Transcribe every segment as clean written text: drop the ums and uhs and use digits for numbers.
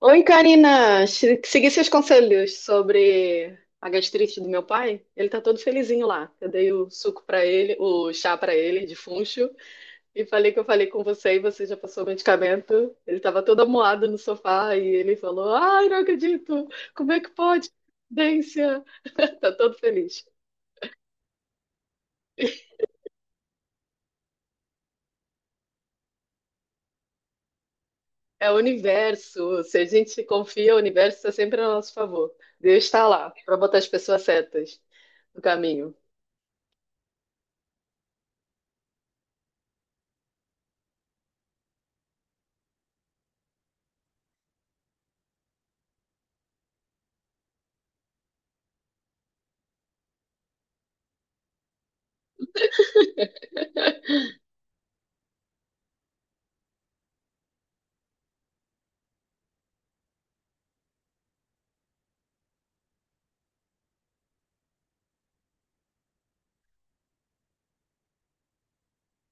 Oi, Karina. Segui seus conselhos sobre a gastrite do meu pai. Ele tá todo felizinho lá. Eu dei o suco pra ele, o chá pra ele de funcho e falei que eu falei com você e você já passou o medicamento. Ele tava todo amuado no sofá e ele falou: "Ai, não acredito. Como é que pode? Dência." Tá todo feliz. É o universo. Se a gente confia, o universo está sempre a nosso favor. Deus está lá pra botar as pessoas certas no caminho.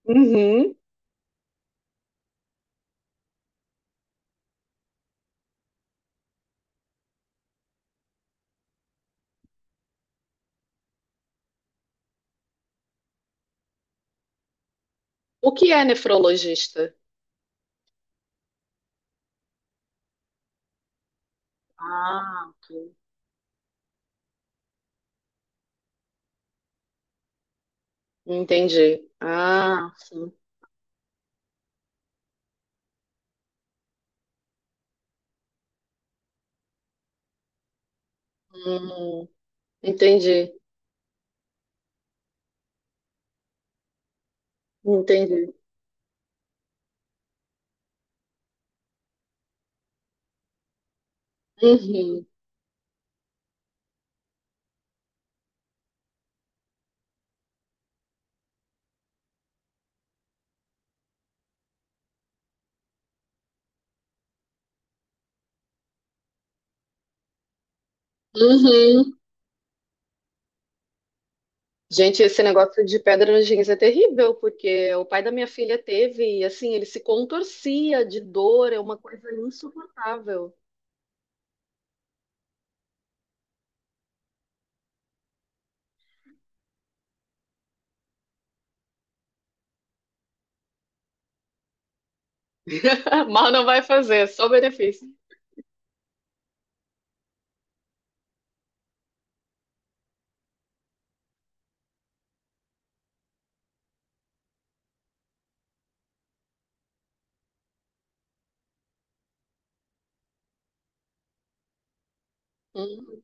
Uhum. O que é nefrologista? Ah, ok. Entendi. Ah, sim. Hum, entendi. Entendi. Uhum. Uhum. Gente, esse negócio de pedra nos rins é terrível, porque o pai da minha filha teve, e assim, ele se contorcia de dor, é uma coisa insuportável. Mal não vai fazer, é só benefício. Hum.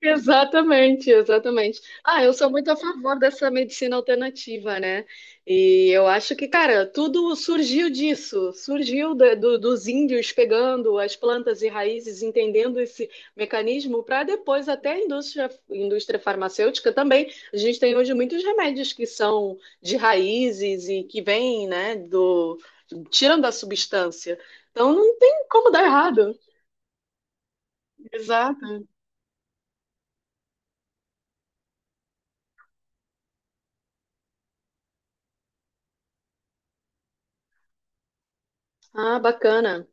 Exatamente, exatamente. Ah, eu sou muito a favor dessa medicina alternativa, né? E eu acho que, cara, tudo surgiu disso, surgiu dos índios pegando as plantas e raízes, entendendo esse mecanismo, para depois até a indústria farmacêutica também. A gente tem hoje muitos remédios que são de raízes e que vêm, né, do, tirando a substância. Então não tem como dar errado. Exato. Ah, bacana.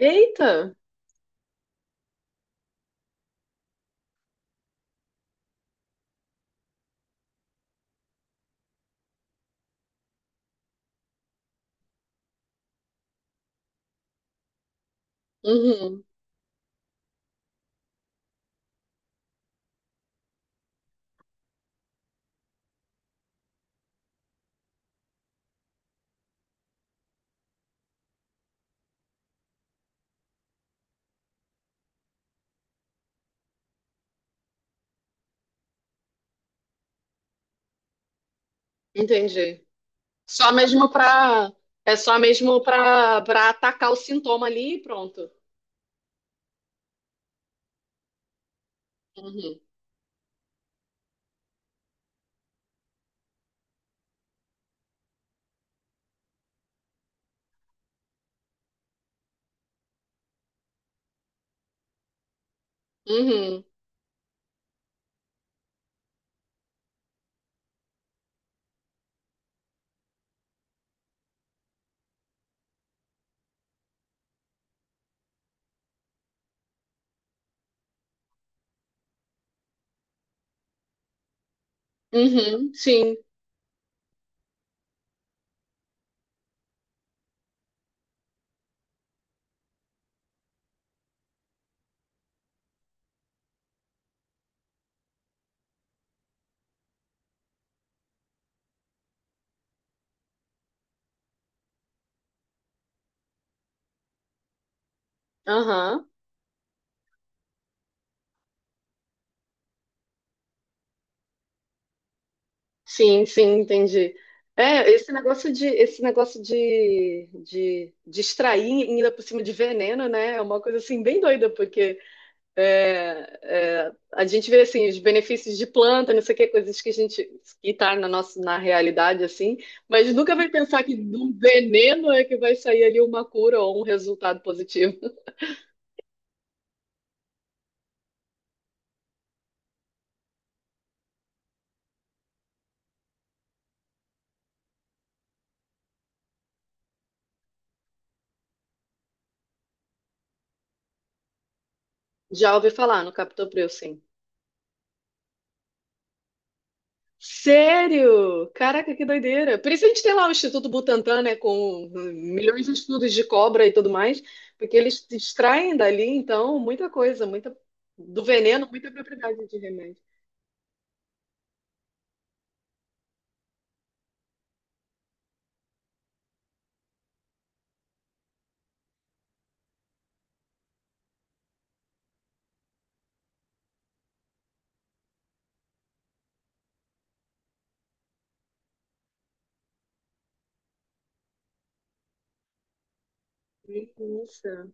Eita! Uhum, entendi. Só mesmo pra. É só mesmo pra, pra atacar o sintoma ali e pronto. Uhum, uhum, uhum, sim. Aham, sim, sim, entendi. É, esse esse negócio de extrair ainda por cima de veneno, né? É uma coisa assim bem doida. É, é, a gente vê assim os benefícios de planta, não sei o que, coisas que a gente que tá na nossa na realidade assim, mas nunca vai pensar que do veneno é que vai sair ali uma cura ou um resultado positivo. Já ouvi falar no captopril, sim. Sério? Caraca, que doideira. Por isso a gente tem lá o Instituto Butantan, né, com milhões de estudos de cobra e tudo mais, porque eles extraem dali então muita coisa, muita do veneno, muita propriedade de remédio. Isso.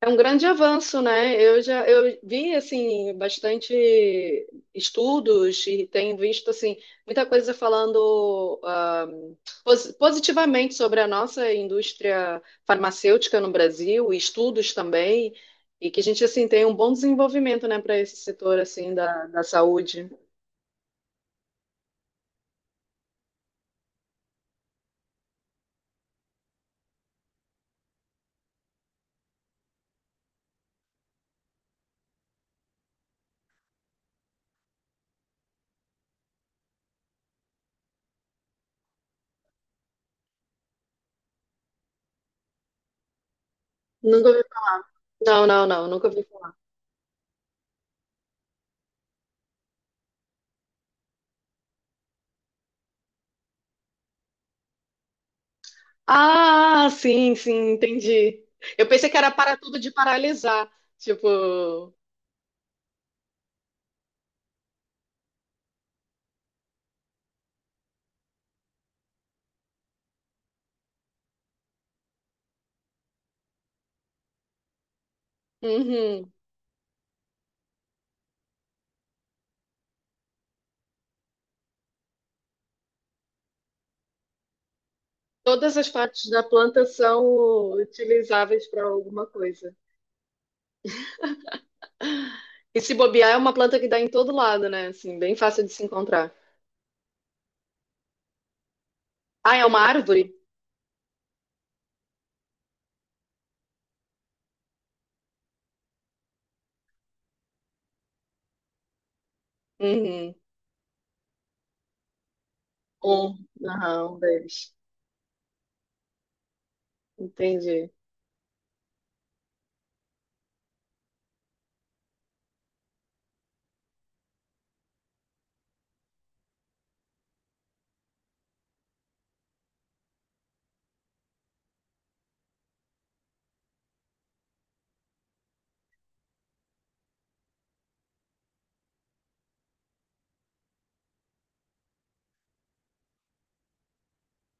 É um grande avanço, né? Eu vi assim bastante estudos e tenho visto assim muita coisa falando ah, positivamente sobre a nossa indústria farmacêutica no Brasil, e estudos também, e que a gente assim tem um bom desenvolvimento, né, para esse setor assim da saúde. Nunca ouvi... não, nunca ouvi falar. Ah, sim, sim, entendi. Eu pensei que era para tudo de paralisar, tipo, uhum. Todas as partes da planta são utilizáveis para alguma coisa. E se bobear, é uma planta que dá em todo lado, né? Assim, bem fácil de se encontrar. Ah, é uma árvore? Uhum. Um. Aham, um deles. Entendi.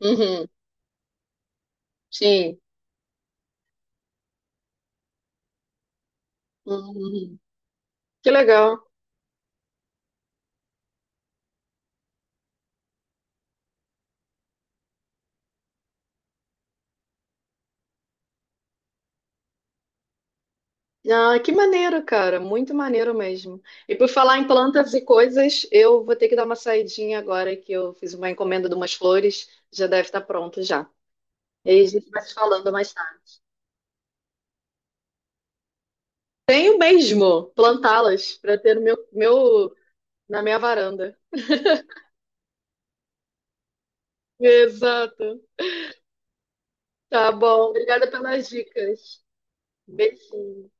Uhum. Sim. Uhum. Que legal. Ah, que maneiro, cara. Muito maneiro mesmo. E por falar em plantas e coisas, eu vou ter que dar uma saidinha agora que eu fiz uma encomenda de umas flores. Já deve estar pronto já. E aí a gente vai se falando mais. Tenho mesmo plantá-las para ter no na minha varanda. Exato. Tá bom. Obrigada pelas dicas. Beijinho.